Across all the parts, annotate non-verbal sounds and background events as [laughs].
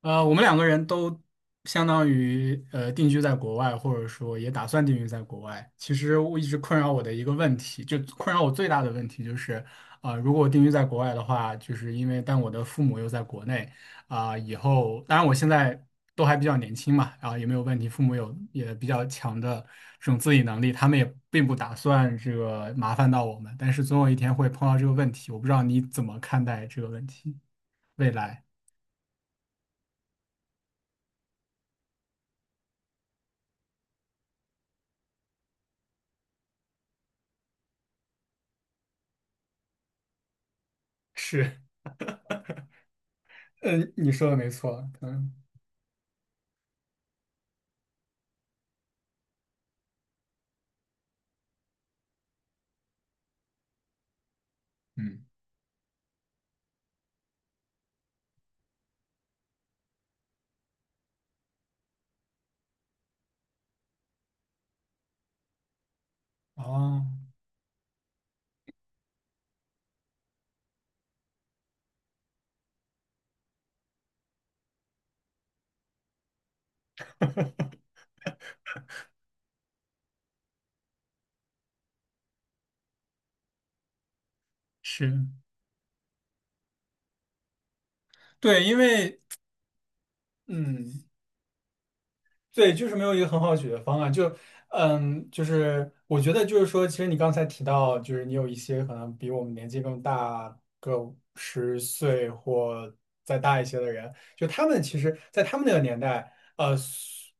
我们两个人都相当于定居在国外，或者说也打算定居在国外。其实我一直困扰我的一个问题，就困扰我最大的问题就是，如果我定居在国外的话，就是因为但我的父母又在国内，以后当然我现在都还比较年轻嘛，然后也没有问题，父母有也比较强的这种自理能力，他们也并不打算这个麻烦到我们，但是总有一天会碰到这个问题，我不知道你怎么看待这个问题，未来。是。嗯，你说的没错。嗯。嗯。哦。是。对，因为嗯。对，就是没有一个很好的解决方案。就是我觉得就是说，其实你刚才提到，就是你有一些可能比我们年纪更大个十岁或再大一些的人，就他们其实，在他们那个年代，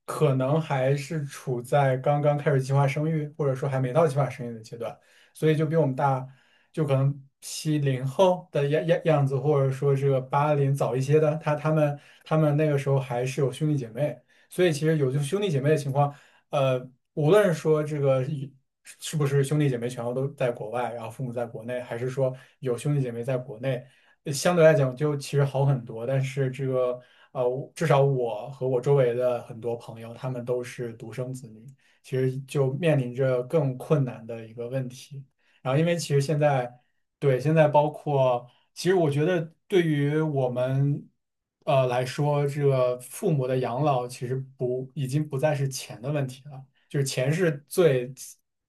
可能还是处在刚刚开始计划生育，或者说还没到计划生育的阶段，所以就比我们大，就可能70后的样子，或者说这个80早一些的，他们那个时候还是有兄弟姐妹。所以其实有就兄弟姐妹的情况，呃，无论说这个是不是兄弟姐妹全部都在国外，然后父母在国内，还是说有兄弟姐妹在国内，相对来讲就其实好很多。但是至少我和我周围的很多朋友，他们都是独生子女，其实就面临着更困难的一个问题。然后因为其实现在。对，现在包括，其实我觉得对于我们，来说，这个父母的养老其实不，已经不再是钱的问题了，就是钱是最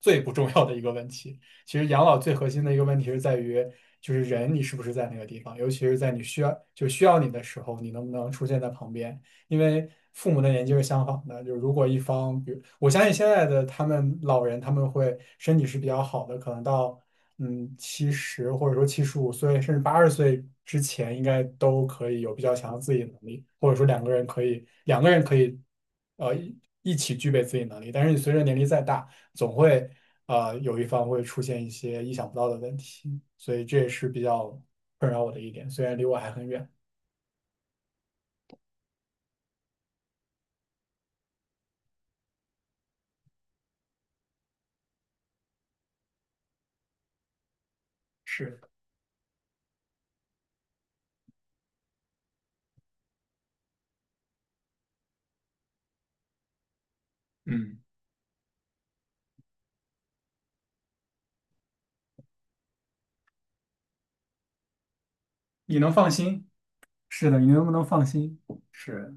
最不重要的一个问题。其实养老最核心的一个问题是在于，就是人你是不是在那个地方，尤其是在你需要就需要你的时候，你能不能出现在旁边？因为父母的年纪是相仿的，就是如果一方，比如我相信现在的他们老人，他们会身体是比较好的，可能到。七十或者说75岁，甚至80岁之前，应该都可以有比较强的自理能力，或者说两个人可以，呃，一一起具备自理能力。但是你随着年龄再大，总会有一方会出现一些意想不到的问题，所以这也是比较困扰我的一点，虽然离我还很远。是，嗯，你能放心？是的，你能不能放心？是。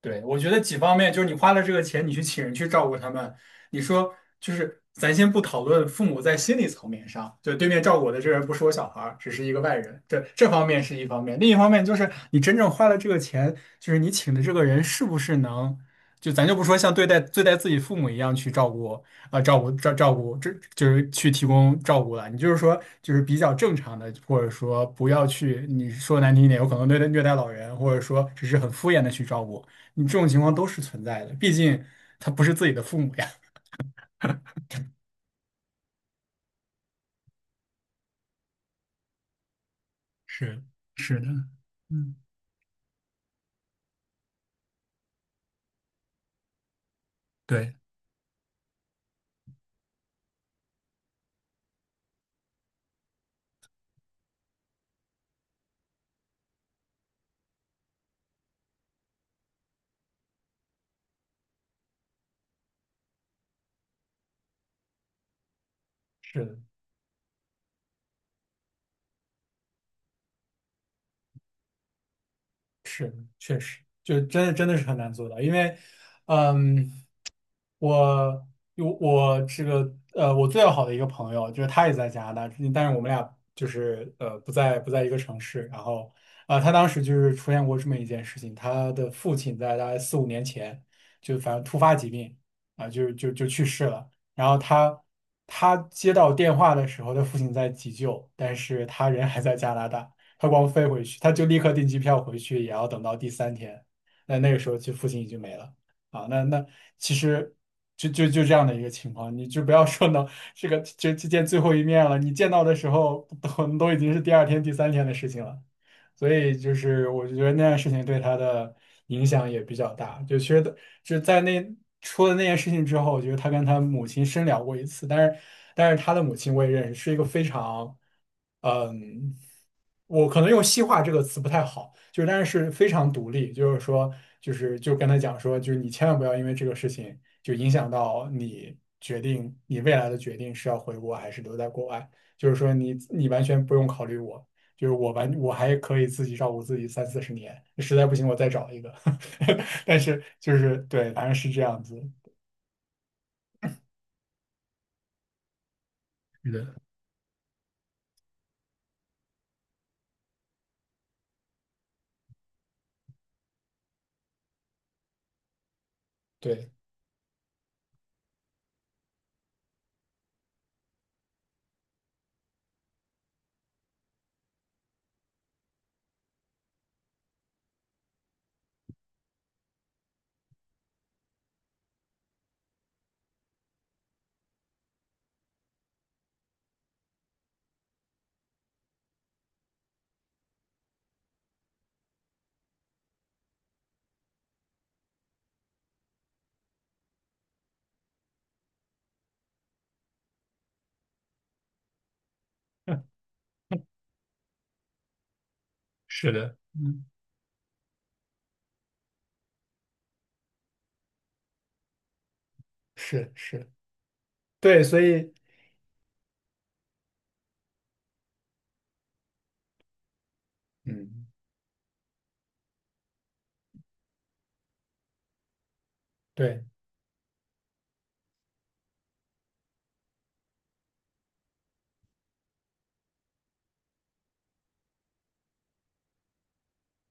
对，我觉得几方面，就是你花了这个钱，你去请人去照顾他们，你说就是咱先不讨论父母在心理层面上，就对面照顾我的这个人不是我小孩儿，只是一个外人，这方面是一方面，另一方面就是你真正花了这个钱，就是你请的这个人是不是能，就咱就不说像对待自己父母一样去照顾啊、照顾，这就是去提供照顾了，你就是说就是比较正常的，或者说不要去你说难听一点，有可能对待虐待老人，或者说只是很敷衍的去照顾。你这种情况都是存在的，毕竟他不是自己的父母呀。是是的，嗯，对。是的。是，确实，就真的真的是很难做到，因为，嗯，我有我这个呃，我最要好的一个朋友，就是他也在加拿大，但是我们俩就是不在一个城市。然后他当时就是出现过这么一件事情，他的父亲在大概四五年前就反正突发疾病就去世了。然后他接到电话的时候，他父亲在急救，但是他人还在加拿大。他光飞回去，他就立刻订机票回去，也要等到第三天。那个时候，其实父亲已经没了啊。那其实就这样的一个情况，你就不要说能这个就见最后一面了。你见到的时候，都已经是第二天、第三天的事情了。所以就是我就觉得那件事情对他的影响也比较大。就其实的就在那出了那件事情之后，我觉得他跟他母亲深聊过一次，但是他的母亲我也认识，是一个非常，嗯，我可能用西化这个词不太好，就是但是是非常独立，就是说就跟他讲说，就是你千万不要因为这个事情就影响到你决定你未来的决定是要回国还是留在国外，就是说你完全不用考虑我。就是我还可以自己照顾自己三四十年，实在不行我再找一个。[laughs] 但是就是对，反正是这样子，是的，对，[laughs] 是的，嗯，是是，对，所以嗯，对，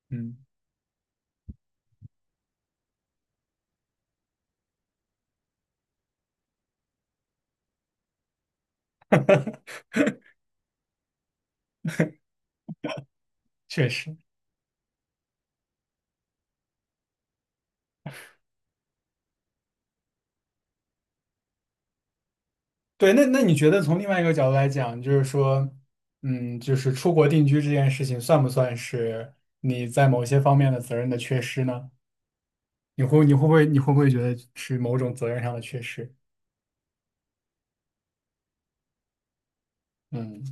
嗯，[laughs] 确实，对，那你觉得从另外一个角度来讲，就是说，就是出国定居这件事情，算不算是你在某些方面的责任的缺失呢？你会不会觉得是某种责任上的缺失？嗯，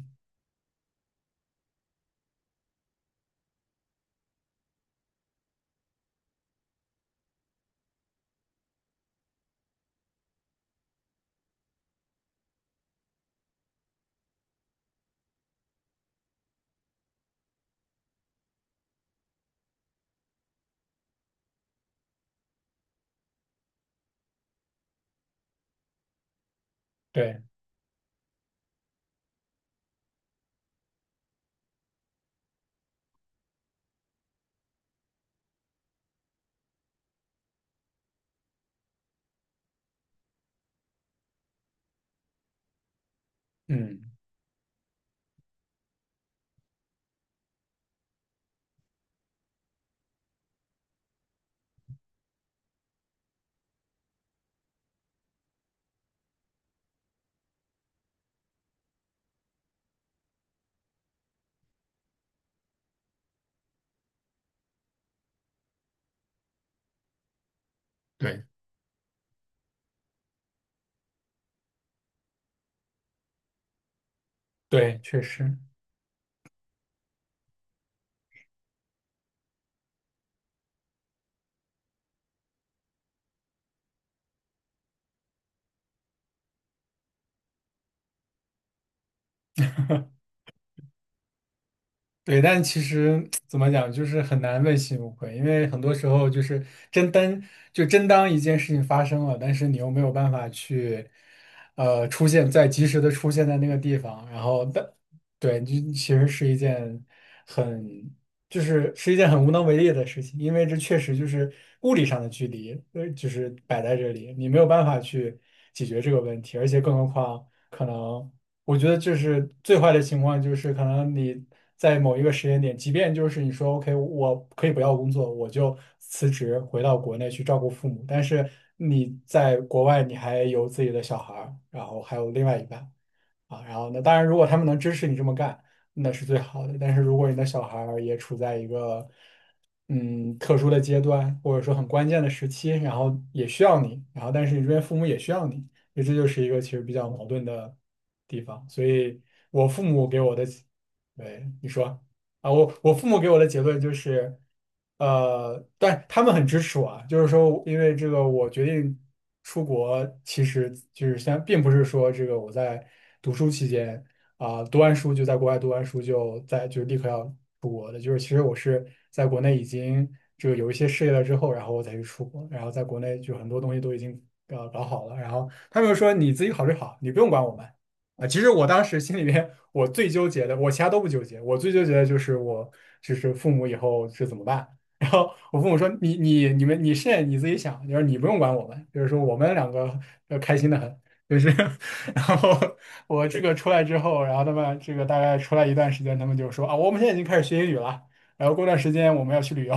对。嗯，对，对，确实，对，但其实怎么讲，就是很难问心无愧，因为很多时候就是真当真当一件事情发生了，但是你又没有办法去，出现在及时的出现在那个地方，然后但对，就其实是一件很就是是一件很无能为力的事情，因为这确实就是物理上的距离，就是摆在这里，你没有办法去解决这个问题，而且更何况。可能。我觉得就是最坏的情况，就是可能你在某一个时间点，即便就是你说 OK，我可以不要工作，我就辞职回到国内去照顾父母，但是你在国外你还有自己的小孩儿然后还有另外一半，然后那当然，如果他们能支持你这么干，那是最好的。但是如果你的小孩儿也处在一个特殊的阶段，或者说很关键的时期，然后也需要你，然后但是你这边父母也需要你，所以这就是一个其实比较矛盾的地方。所以我父母给我的，对，你说。我父母给我的结论就是，但他们很支持我啊，就是说，因为这个我决定出国，其实就是先，并不是说这个我在读书期间读完书就立刻要出国的，就是其实我是在国内已经有一些事业了之后，然后我才去出国，然后在国内就很多东西都已经搞好了，然后他们就说你自己考虑好，你不用管我们啊。其实我当时心里面我最纠结的，我其他都不纠结，我最纠结的就是我就是父母以后是怎么办。[laughs] 然后我父母说：你自己想，就是你不用管我们，就是说我们两个要开心的很。”就是，[laughs] 然后我出来之后，然后他们大概出来一段时间，他们就说：“啊，我们现在已经开始学英语了，然后过段时间我们要去旅游。”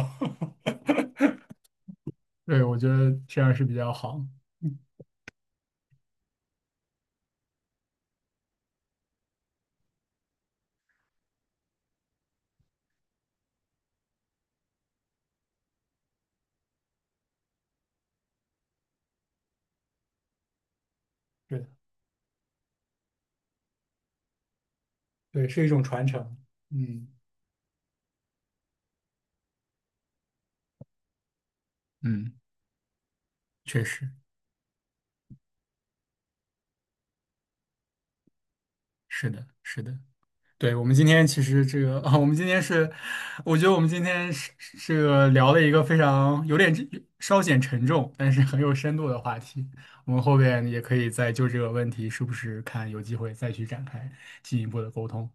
[laughs] 对，我觉得这样是比较好。对，的，对，是一种传承。嗯。嗯。确实是的，是的。对，我们今天其实[laughs] 我们今天是，我觉得我们今天是聊了一个非常有点稍显沉重，但是很有深度的话题。我们后边也可以再就这个问题，是不是看有机会再去展开进一步的沟通。